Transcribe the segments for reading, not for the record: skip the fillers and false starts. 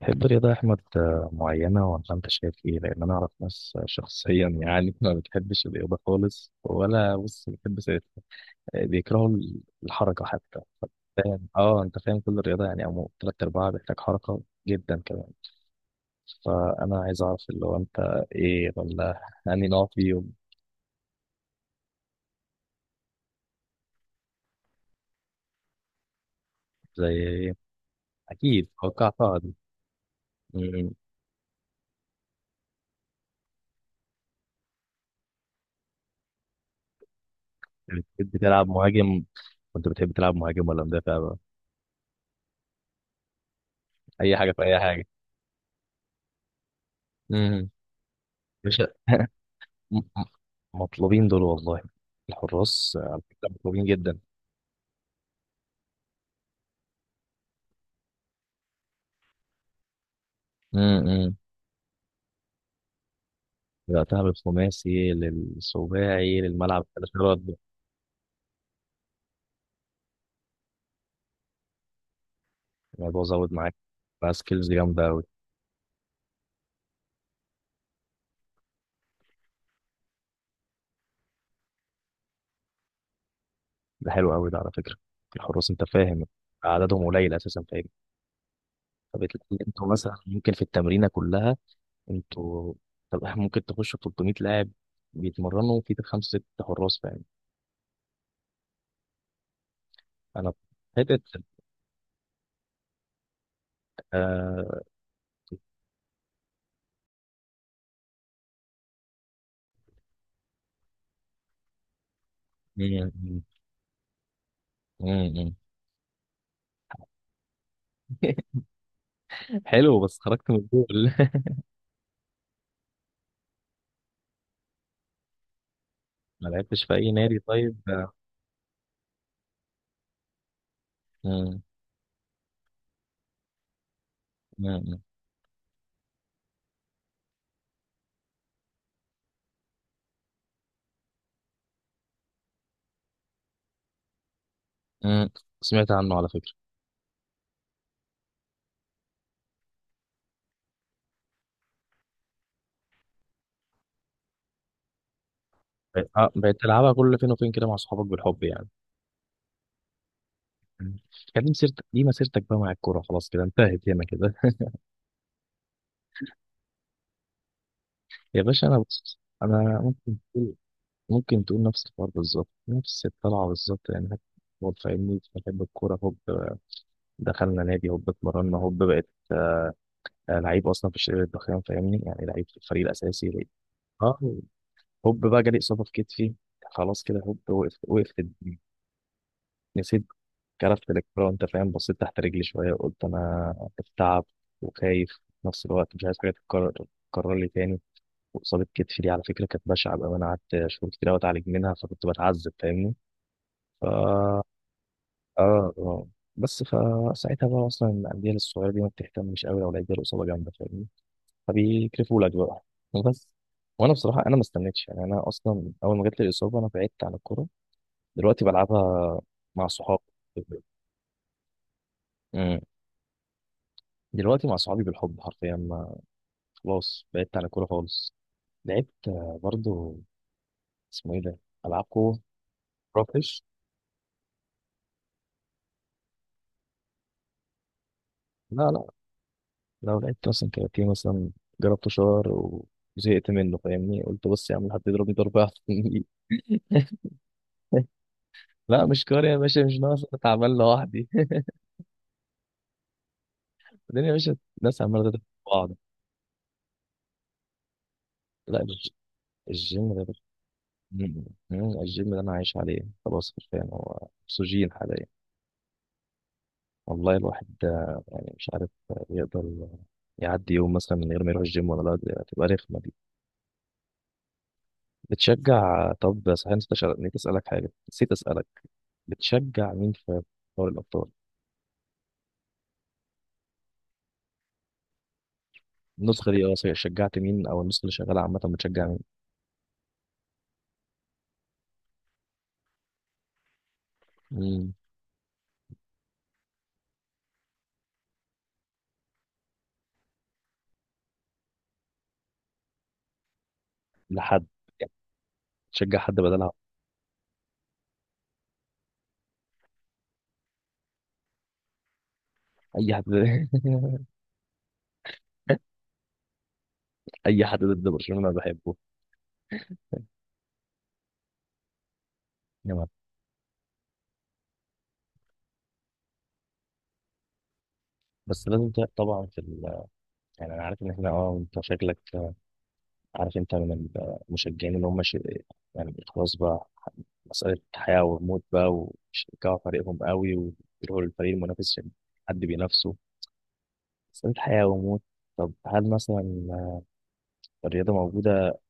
تحب رياضة أحمد، معينة ولا أنت شايف إيه؟ لأن أنا أعرف ناس، شخصيا ما بتحبش الرياضة خالص. ولا بيكرهوا الحركة حتى. فاهم؟ أه، أنت فاهم كل الرياضة يعني أو تلات أرباعها بيحتاج حركة جدا كمان. فأنا عايز أعرف اللي هو أنت إيه ولا أنهي نوع فيهم؟ زي إيه؟ أكيد توقعتها دي. م- م. بتحب تلعب مهاجم؟ كنت بتحب تلعب مهاجم ولا مدافع بقى؟ أي حاجة في أي حاجة. مم. مش م- م- مطلوبين دول والله. الحراس، على فكرة مطلوبين جدا. امم بدأتها بالخماسي للسباعي للملعب الثلاثي ده. الموضوع زود معاك، بقى سكيلز جامدة أوي. ده حلو أوي ده على فكرة. الحراس أنت فاهم عددهم قليل أساسا، فاهم؟ فبتلاقي أنتوا مثلا ممكن في التمرينة كلها، أنتوا، طب إحنا ممكن تخشوا 300 لاعب بيتمرنوا في خمسة ستة حراس، فاهم؟ أنا حتة آه... مم، مم، مم، مم. حلو، بس خرجت من الجول. ما لعبتش في اي نادي طيب، آه؟ مم. مم. مم. سمعت عنه على فكره. بقيت تلعبها كل فين وفين كده مع صحابك بالحب يعني. مم. كان دي مسيرتك، دي مسيرتك بقى مع الكوره، خلاص كده انتهت هنا كده. يا باشا انا، بص انا ممكن تقول، ممكن تقول نفس الحوار بالظبط، نفس الطلعه بالظبط يعني. هو فاهمني، بحب الكوره، هوب دخلنا نادي، هوب اتمرنا، هوب بقيت، لعيب اصلا في الشرير الضخام فاهمني، يعني لعيب في الفريق الاساسي. اه، هوب بقى جالي اصابه في كتفي، خلاص كده هوب وقفت، وقفت. نسيت، كرفت الكورة وأنت فاهم، بصيت تحت رجلي شوية، قلت أنا بتعب وخايف في نفس الوقت، مش عايز حاجة تتكرر، تتكرر لي تاني. وإصابة كتفي دي على فكرة كانت بشعة بقى، أنا قعدت شهور كتير أوي أتعالج منها، فكنت بتعذب فاهمني. ف آه. بس فساعتها بقى أصلا الأندية الصغيرة دي ما بتهتمش أوي لو لقيت جاله إصابة جامدة فاهمني، فبيكرفوا لك بقى، وبس. وأنا بصراحة أنا ما استنيتش يعني، أنا أصلا أول ما جات لي الإصابة أنا بعدت عن الكورة. دلوقتي بلعبها مع صحابي، دلوقتي مع صحابي بالحب حرفيا. ما خلاص، بعدت عن الكورة خالص. لعبت، برضو، اسمه ايه ده، ألعاب قوة، روكش. لا لا، لو لعبت مثلا كاراتيه مثلا، جربته شهر وزهقت منه فاهمني. قلت بص يا عم، حد يضربني ضربة أحسن. لا مش كاري يا باشا، مش ناقص أنا تعبان لوحدي. الدنيا يا باشا، الناس عمالة تضرب في بعض. لا الج- الجيم ده بس- م- الجيم ده أنا عايش عليه خلاص، حرفيا هو أكسجين. والله الواحد، يعني مش عارف، يقدر يعدي يوم مثلا من غير ما يروح الجيم ولا لا، دي هتبقى رخمة دي. بتشجع، طب صحيح نسيت نسيت أسألك حاجة، نسيت أسألك بتشجع مين في دوري الأبطال؟ النسخة دي اه صحيح، شجعت مين؟ أو النسخة اللي شغالة عامة بتشجع مين؟ مم. لحد يعني، تشجع حد بدلها. أي حد أي حد ضد برشلونة أنا بحبه. نعم. بس لازم ت- طبعا في ال... يعني أنا عارف إن إحنا اه أنت شكلك، عارف أنت من المشجعين اللي هم ش... يعني خلاص بقى مسألة حياة وموت بقى، وشجعوا فريقهم قوي ويروحوا للفريق المنافس عشان حد بينافسه، مسألة حياة وموت. طب هل مثلا الرياضة موجودة،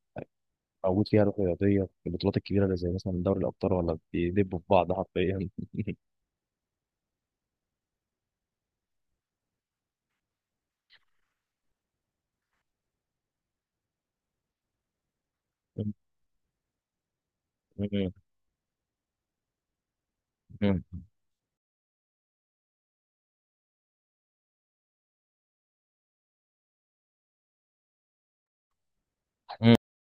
موجود فيها روح رياضية في البطولات الكبيرة اللي زي مثلا دوري الأبطال، ولا بيدبوا في بعض حرفيا؟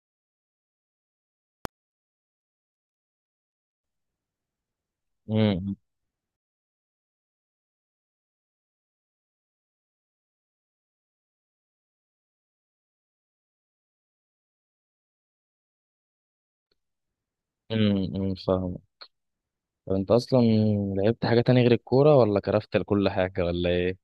فاهم. طب أنت أصلا لعبت حاجة تانية غير الكورة ولا كرفت لكل حاجة ولا إيه؟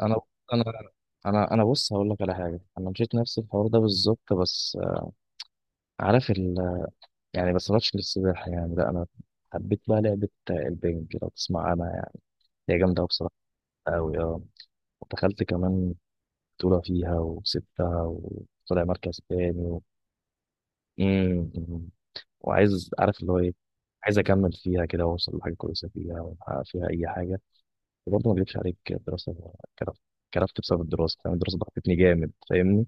أنا أنا أنا بص هقول لك على حاجة، أنا مشيت نفس الحوار ده بالظبط، بس عارف، يعني بس ماتش للسباحة يعني. لا أنا حبيت بقى لعبة البنج لو تسمع عنها يعني، هي جامدة أوي بصراحة. أوي أه، ودخلت كمان بطولة فيها وكسبتها وطلع مركز تاني و... مم، مم. وعايز عارف اللي هو إيه، عايز أكمل فيها كده وأوصل لحاجة كويسة فيها وأحقق فيها أي حاجة. وبرضه ما أكدبش عليك، الدراسة كرفت، كرفت بسبب الدراسة فاهم. الدراسة ضغطتني جامد فاهمني.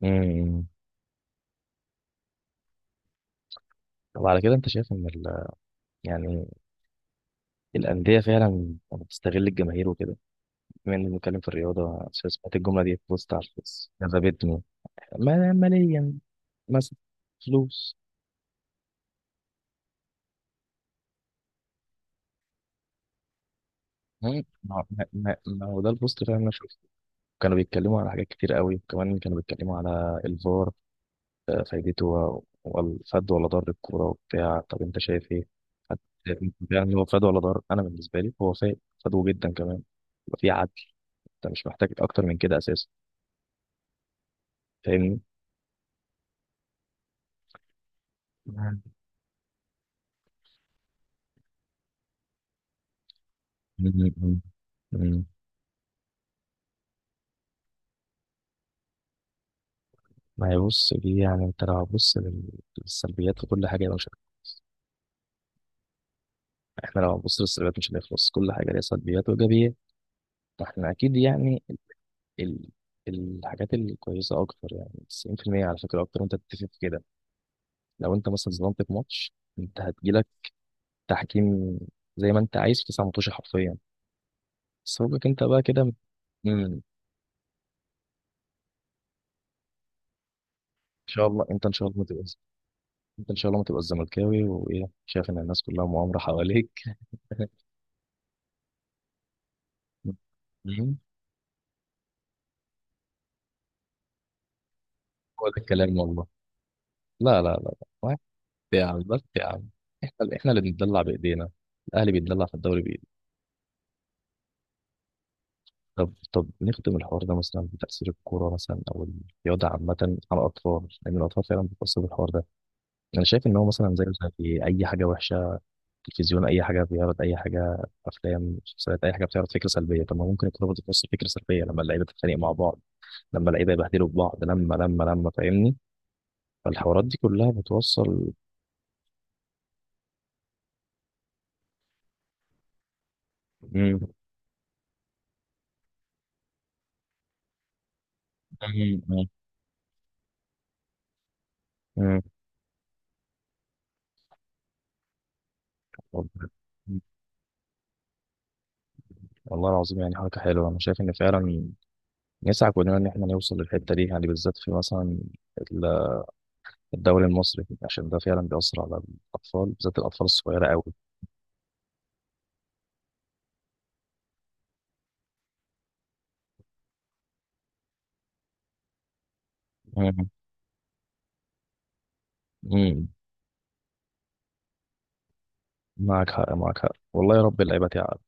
مم. طب على كده أنت شايف إن ال... يعني الأندية فعلا بتستغل الجماهير وكده، بما اني بنتكلم في الرياضه سمعت الجمله دي في بوست على الفيس جذبتني. ماليا مثلا، فلوس. هم؟ ما هو ده البوست فعلا انا شفته. كانوا بيتكلموا على حاجات كتير قوي، وكمان كانوا بيتكلموا على الفار، فايدته والفاد ولا ضر الكوره وبتاع، طب انت شايف ايه؟ هت- يعني هو فاد ولا ضر؟ انا بالنسبه لي هو فاد، فادو جدا كمان. يبقى في عدل، انت مش محتاج اكتر من كده اساسا فاهمني؟ مم. مم. مم. ما هي بص دي يعني انت لو هتبص للسلبيات وكل حاجه، مش احنا لو هنبص للسلبيات مش هنخلص، كل حاجه ليها سلبيات وايجابيات. فاحنا اكيد يعني ال... ال- الحاجات الكويسه اكتر، يعني 90% على فكره اكتر، وانت تتفق في كده. لو انت مثلا ظلمت في ماتش، انت هتجيلك تحكيم زي ما انت عايز في تسع ماتش حرفيا، بس فوقك انت بقى كده. امم، ان شاء الله انت، ان شاء الله ما تبقاش، انت ان شاء الله ما تبقى الزملكاوي وايه شايف ان الناس كلها مؤامره حواليك. مم. هو ده الكلام والله. لا لا لا. لا. يا عم بس يا عم، احنا احنا اللي بنتدلع بايدينا، الاهلي بيتدلع في الدوري بايده. طب طب نختم الحوار ده مثلا بتاثير الكوره مثلا او الرياضه عامه على الاطفال، لان الاطفال فعلا بتاثر بالحوار ده. انا شايف ان هو مثلا زي، زي اي حاجه وحشه، تلفزيون اي حاجه بيعرض، اي حاجه افلام مسلسلات اي حاجه بتعرض فكره سلبيه، طب ما ممكن الكوره برضه توصل فكره سلبيه لما اللعيبه تتخانق مع بعض، لما اللعيبه يبهدلوا في بعض، لما فاهمني، فالحوارات دي كلها بتوصل. امم، امم. والله العظيم يعني حركة حلوة، أنا شايف إن فعلا نسعى كلنا إن إحنا نوصل للحتة دي، يعني بالذات في مثلا ال- الدوري المصري، عشان ده فعلا بيأثر على الأطفال، بالذات الأطفال الصغيرة أوي. مم. مم. معك حق، معك حق والله، يا رب اللعيبة تعب.